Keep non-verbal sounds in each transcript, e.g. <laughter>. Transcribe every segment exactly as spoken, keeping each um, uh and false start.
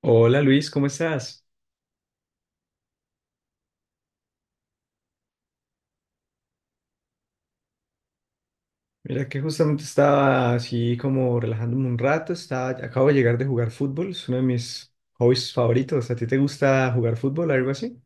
Hola Luis, ¿cómo estás? Mira que justamente estaba así como relajándome un rato, estaba, acabo de llegar de jugar fútbol, es uno de mis hobbies favoritos. ¿A ti te gusta jugar fútbol o algo así?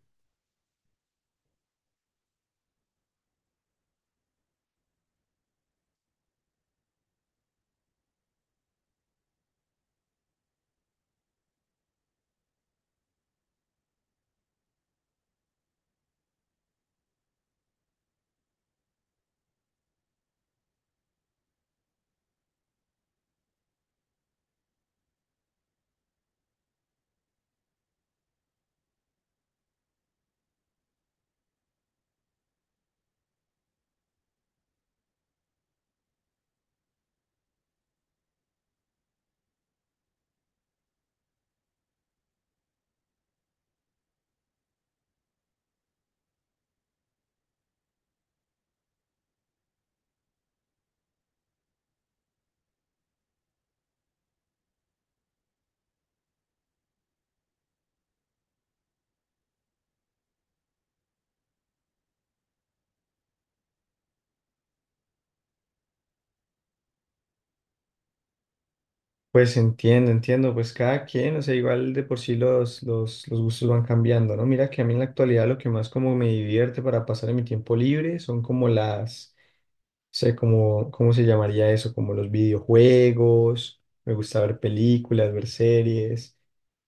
Pues entiendo, entiendo, pues cada quien, o sea, igual de por sí los, los, los gustos van cambiando, ¿no? Mira que a mí en la actualidad lo que más como me divierte para pasar en mi tiempo libre son como las, no sé, como, ¿cómo se llamaría eso? Como los videojuegos, me gusta ver películas, ver series.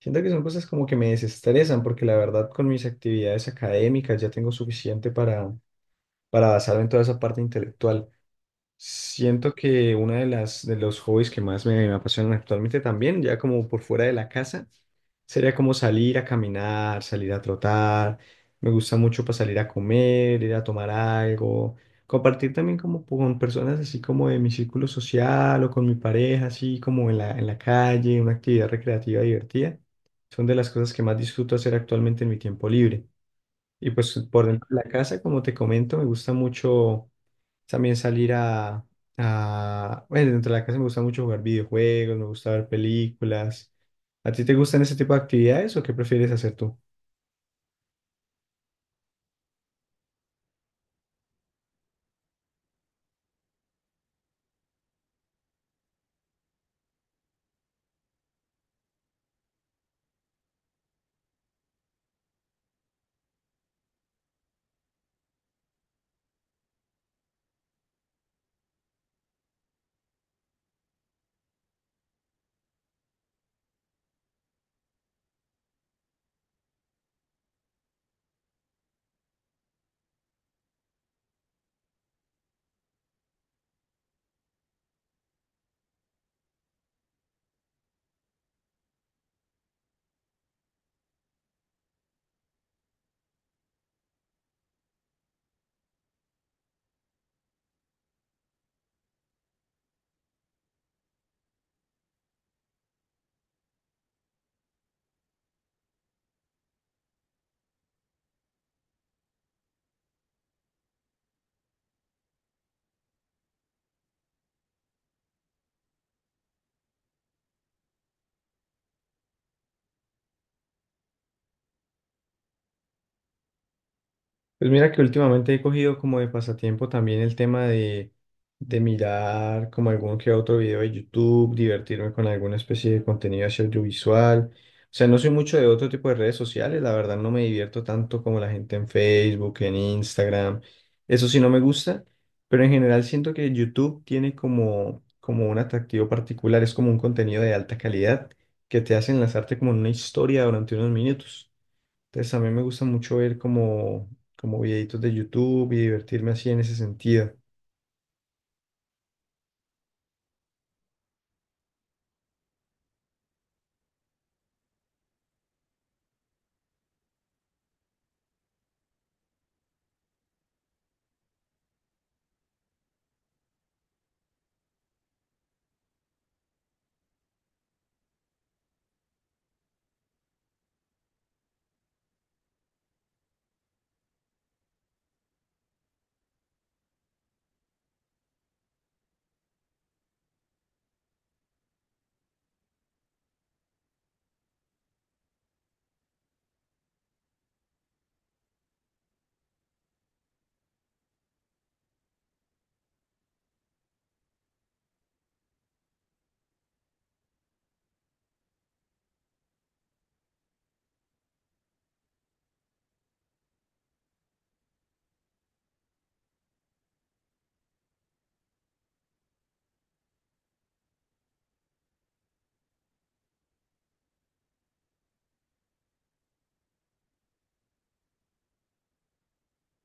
Siento que son cosas como que me desestresan porque la verdad con mis actividades académicas ya tengo suficiente para, para basarme en toda esa parte intelectual. Siento que una de las de los hobbies que más me, me apasionan actualmente también, ya como por fuera de la casa, sería como salir a caminar, salir a trotar. Me gusta mucho para salir a comer, ir a tomar algo, compartir también como con personas así como de mi círculo social o con mi pareja, así como en la, en la calle, una actividad recreativa divertida. Son de las cosas que más disfruto hacer actualmente en mi tiempo libre. Y pues por dentro de la casa, como te comento, me gusta mucho. También salir a, a- Bueno, dentro de la casa me gusta mucho jugar videojuegos, me gusta ver películas. ¿A ti te gustan ese tipo de actividades o qué prefieres hacer tú? Pues mira que últimamente he cogido como de pasatiempo también el tema de, de mirar como algún que otro video de YouTube, divertirme con alguna especie de contenido así audiovisual. O sea, no soy mucho de otro tipo de redes sociales, la verdad no me divierto tanto como la gente en Facebook, en Instagram. Eso sí no me gusta, pero en general siento que YouTube tiene como, como un atractivo particular, es como un contenido de alta calidad que te hace enlazarte como en una historia durante unos minutos. Entonces a mí me gusta mucho ver como, como videitos de YouTube y divertirme así en ese sentido.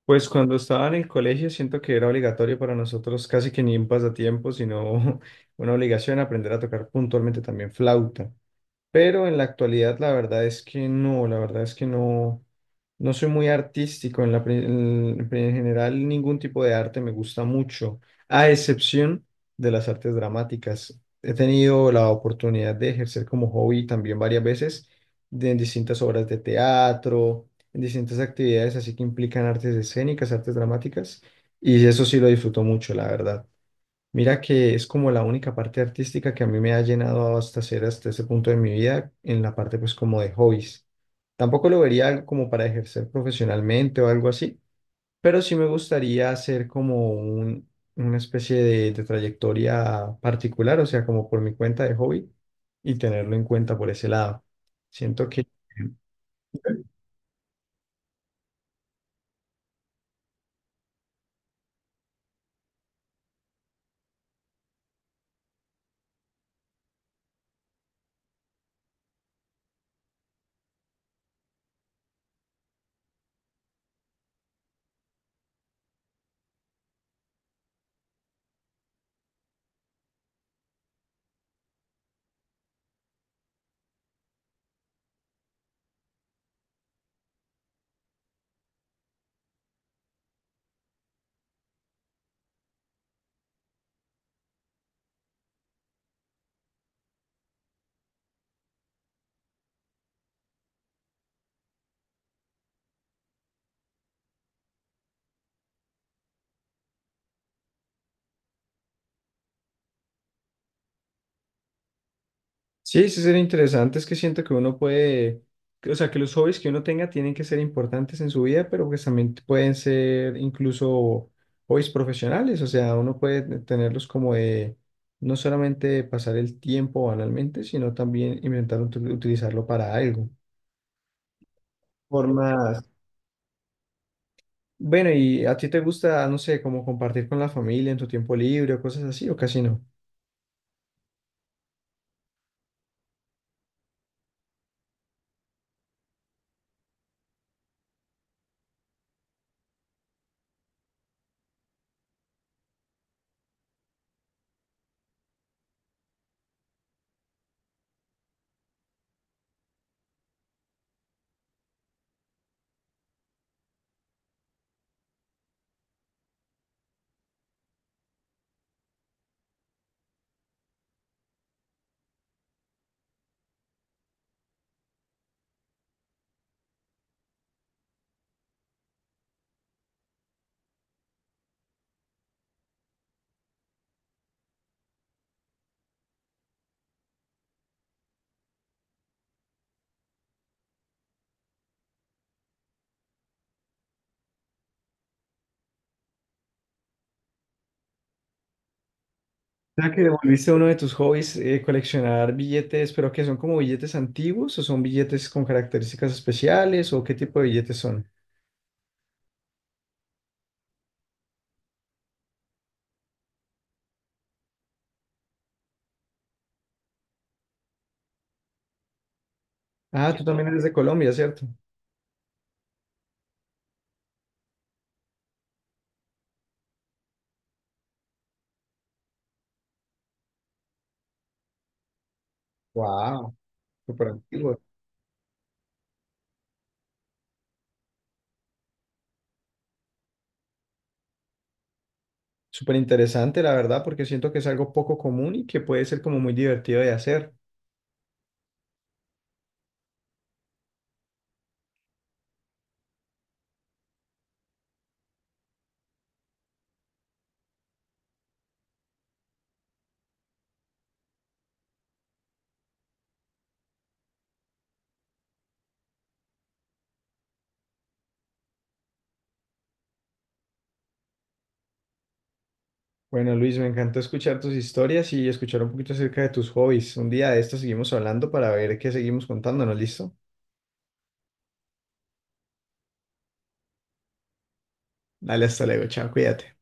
Pues cuando estaba en el colegio siento que era obligatorio para nosotros casi que ni un pasatiempo, sino <laughs> una obligación aprender a tocar puntualmente también flauta. Pero en la actualidad la verdad es que no, la verdad es que no, no soy muy artístico en la, pri- en, en general ningún tipo de arte me gusta mucho, a excepción de las artes dramáticas. He tenido la oportunidad de ejercer como hobby también varias veces de- en distintas obras de teatro, en distintas actividades así que implican artes escénicas, artes dramáticas, y eso sí lo disfruto mucho, la verdad. Mira que es como la única parte artística que a mí me ha llenado hasta ser hasta ese punto de mi vida en la parte pues como de hobbies. Tampoco lo vería algo como para ejercer profesionalmente o algo así, pero sí me gustaría hacer como un- una especie de, de trayectoria particular, o sea, como por mi cuenta de hobby y tenerlo en cuenta por ese lado. Siento que... Sí, sí sería interesante, es que siento que uno puede, que- o sea, que los hobbies que uno tenga tienen que ser importantes en su vida, pero pues también pueden ser incluso hobbies profesionales, o sea, uno puede te- tenerlos como de no solamente pasar el tiempo banalmente, sino también inventar util- utilizarlo para algo. Formas. Bueno, ¿y a ti te gusta, no sé, como compartir con la familia en tu tiempo libre o cosas así, o casi no? Sea que devolviste uno de tus hobbies, eh, coleccionar billetes, pero que son como billetes antiguos o son billetes con características especiales o qué tipo de billetes son. Ah, tú también eres de Colombia, ¿cierto? Wow, súper antiguo. Súper interesante, la verdad, porque siento que es algo poco común y que puede ser como muy divertido de hacer. Bueno, Luis, me encantó escuchar tus historias y escuchar un poquito acerca de tus hobbies. Un día de esto seguimos hablando para ver qué seguimos contándonos, ¿listo? Dale, hasta luego, chao, cuídate.